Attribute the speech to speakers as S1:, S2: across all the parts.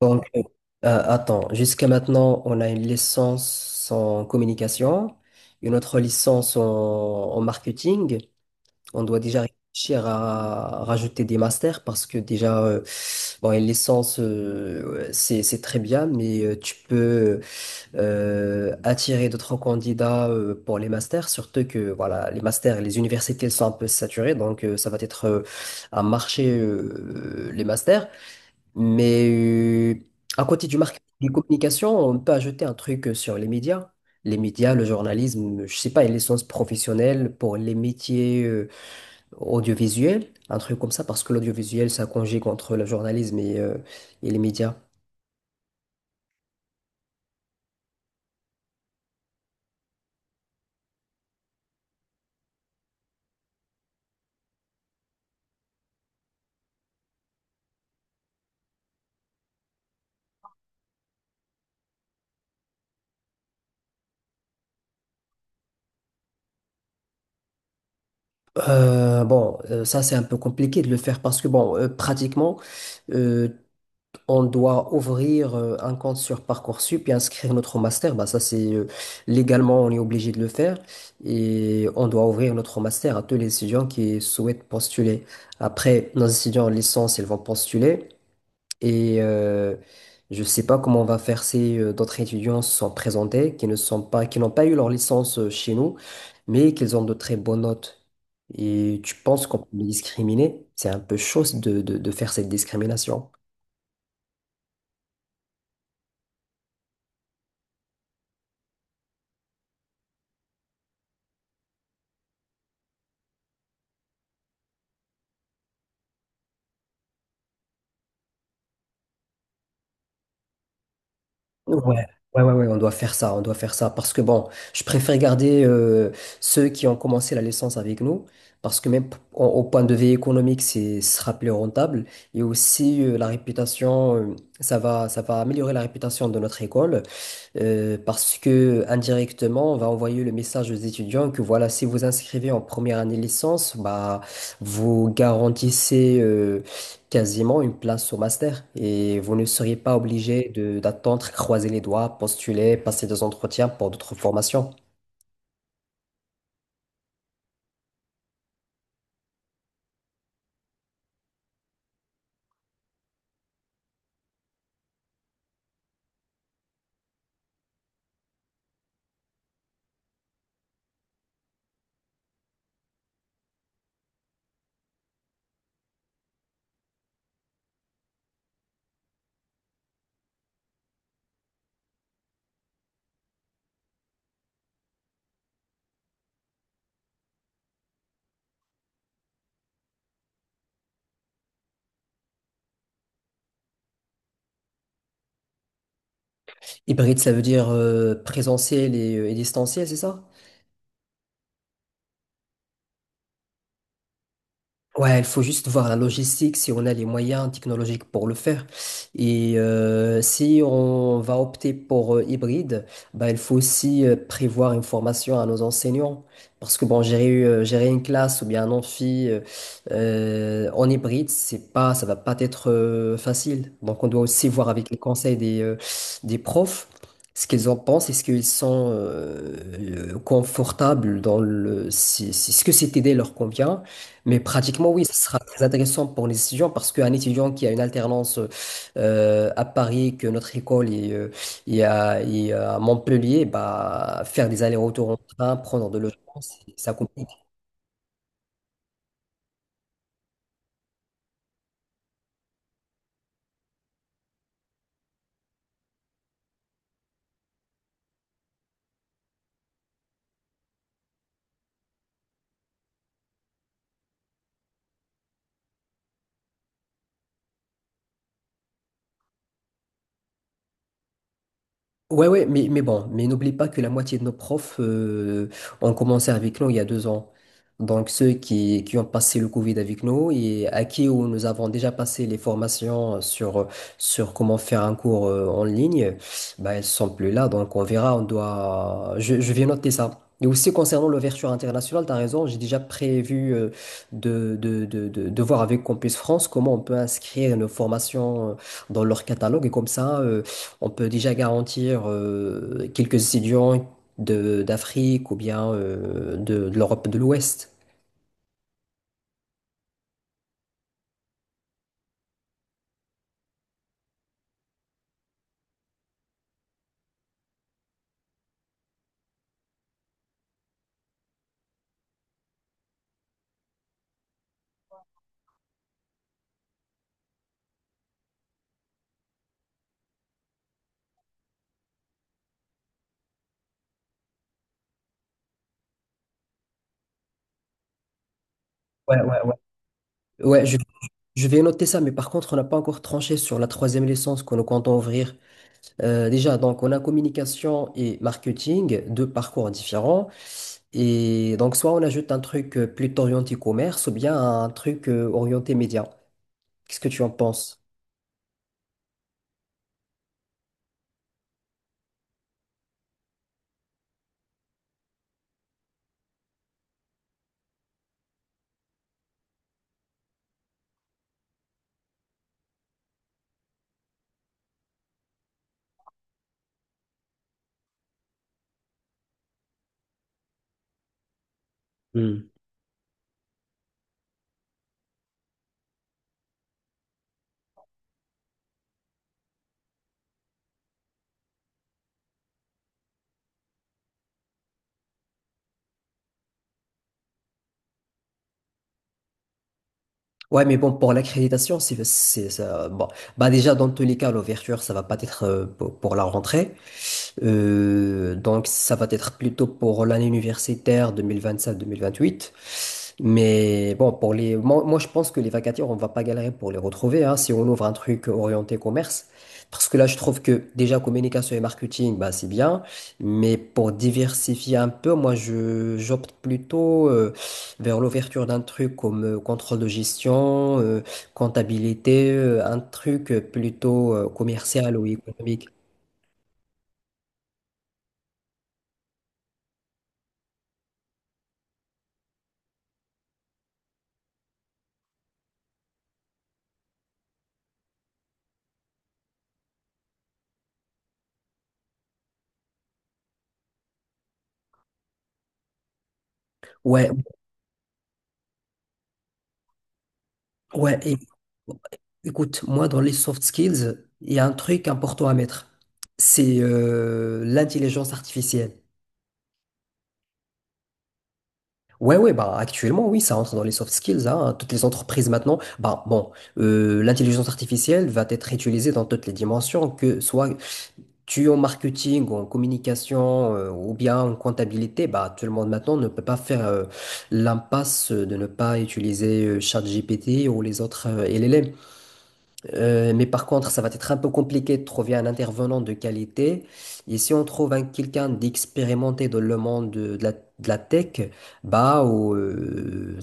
S1: Donc, attends, jusqu'à maintenant, on a une licence en communication, une autre licence en marketing. On doit déjà réfléchir à rajouter des masters parce que déjà, bon, une licence, c'est très bien, mais tu peux attirer d'autres candidats pour les masters, surtout que voilà, les masters, les universités elles sont un peu saturées, donc ça va être un marché, les masters. Mais à côté du marketing des communications, on peut ajouter un truc sur les médias. Les médias, le journalisme, je sais pas, une licence professionnelle pour les métiers audiovisuels, un truc comme ça, parce que l'audiovisuel, ça conjugue entre le journalisme et les médias. Bon, ça c'est un peu compliqué de le faire parce que bon, pratiquement, euh, on doit ouvrir un compte sur Parcoursup et inscrire notre master. Bah, ça, c'est légalement, on est obligé de le faire. Et on doit ouvrir notre master à tous les étudiants qui souhaitent postuler. Après, nos étudiants en licence, ils vont postuler. Et je sais pas comment on va faire si d'autres étudiants se sont présentés, qui n'ont pas eu leur licence chez nous, mais qu'ils ont de très bonnes notes. Et tu penses qu'on peut les discriminer? C'est un peu chaud de faire cette discrimination. Ouais, ouais, ouais, ouais, on doit faire ça, on doit faire ça. Parce que bon, je préfère garder ceux qui ont commencé la licence avec nous, parce que même au point de vue économique, c'est ce sera plus rentable. Et aussi la réputation, ça va améliorer la réputation de notre école, parce que indirectement, on va envoyer le message aux étudiants que voilà, si vous inscrivez en première année de licence, bah, vous garantissez quasiment une place au master et vous ne seriez pas obligé de d'attendre, croiser les doigts, postuler, passer des entretiens pour d'autres formations. Hybride, ça veut dire présentiel et distanciel, c'est ça? Ouais, il faut juste voir la logistique, si on a les moyens technologiques pour le faire. Et si on va opter pour hybride, bah, il faut aussi prévoir une formation à nos enseignants. Parce que bon, gérer une classe ou bien un amphi en hybride, c'est pas, ça va pas être facile. Donc on doit aussi voir avec les conseils des profs ce qu'ils en pensent, est-ce qu'ils sont confortables Si ce que cette idée leur convient. Mais pratiquement, oui, ce sera très intéressant pour les étudiants parce qu'un étudiant qui a une alternance à Paris, que notre école est à Montpellier, bah, faire des allers-retours en train, prendre de l'urgence, ça coûte. Ouais, ouais, mais bon, mais n'oublie pas que la moitié de nos profs ont commencé avec nous il y a 2 ans. Donc ceux qui ont passé le Covid avec nous et à qui où nous avons déjà passé les formations sur comment faire un cours en ligne, bah, ils sont plus là, donc on verra, on doit... Je vais noter ça. Et aussi concernant l'ouverture internationale, tu as raison, j'ai déjà prévu de voir avec Campus France comment on peut inscrire nos formations dans leur catalogue et comme ça. On peut déjà garantir quelques étudiants de d'Afrique ou bien de l'Europe de l'Ouest. Ouais, ouais, ouais. Ouais, je vais noter ça, mais par contre, on n'a pas encore tranché sur la troisième licence que nous comptons ouvrir. Déjà, donc, on a communication et marketing, deux parcours différents. Et donc, soit on ajoute un truc plutôt orienté commerce ou bien un truc orienté média. Qu'est-ce que tu en penses? Ouais, mais bon, pour l'accréditation, c'est ça. Bon, bah déjà, dans tous les cas, l'ouverture, ça va pas être pour la rentrée. Donc, ça va être plutôt pour l'année universitaire 2027-2028. Mais bon, pour les, moi, je pense que les vacataires, on va pas galérer pour les retrouver, hein, si on ouvre un truc orienté commerce. Parce que là, je trouve que déjà communication et marketing, bah, c'est bien. Mais pour diversifier un peu, moi, j'opte plutôt vers l'ouverture d'un truc comme contrôle de gestion, comptabilité, un truc plutôt commercial ou économique. Ouais, ouais, et écoute, moi, dans les soft skills, il y a un truc important à mettre. C'est l'intelligence artificielle. Ouais, ouais, bah actuellement, oui, ça rentre dans les soft skills, hein. Toutes les entreprises maintenant, bah bon, l'intelligence artificielle va être utilisée dans toutes les dimensions, que soit tu es en marketing, en communication, ou bien en comptabilité, bah tout le monde maintenant ne peut pas faire l'impasse de ne pas utiliser ChatGPT ou les autres LLM. Mais par contre, ça va être un peu compliqué de trouver un intervenant de qualité. Et si on trouve quelqu'un d'expérimenté dans le monde de la tech, bah,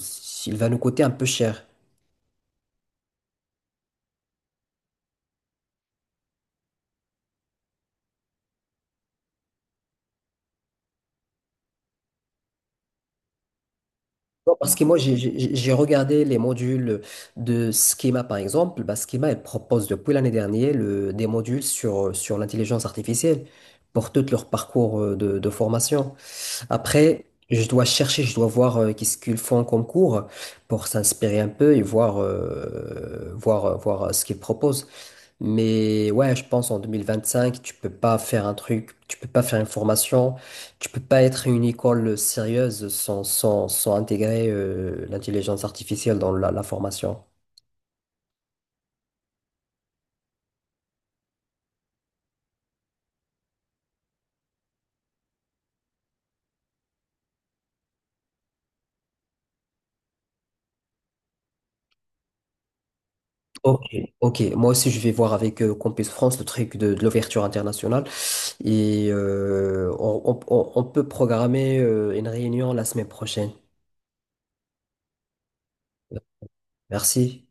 S1: il va nous coûter un peu cher. Non, parce que moi, j'ai regardé les modules de Schema, par exemple. Bah, Schema, elle propose depuis l'année dernière des modules sur l'intelligence artificielle pour tout leur parcours de formation. Après, je dois chercher, je dois voir qu'est-ce qu'ils font comme cours pour s'inspirer un peu et voir ce qu'ils proposent. Mais ouais, je pense en 2025, tu peux pas faire un truc, tu peux pas faire une formation, tu peux pas être une école sérieuse sans intégrer l'intelligence artificielle dans la, la formation. Ok, ok. Moi aussi, je vais voir avec Campus France le truc de l'ouverture internationale. Et on peut programmer une réunion la semaine prochaine. Merci.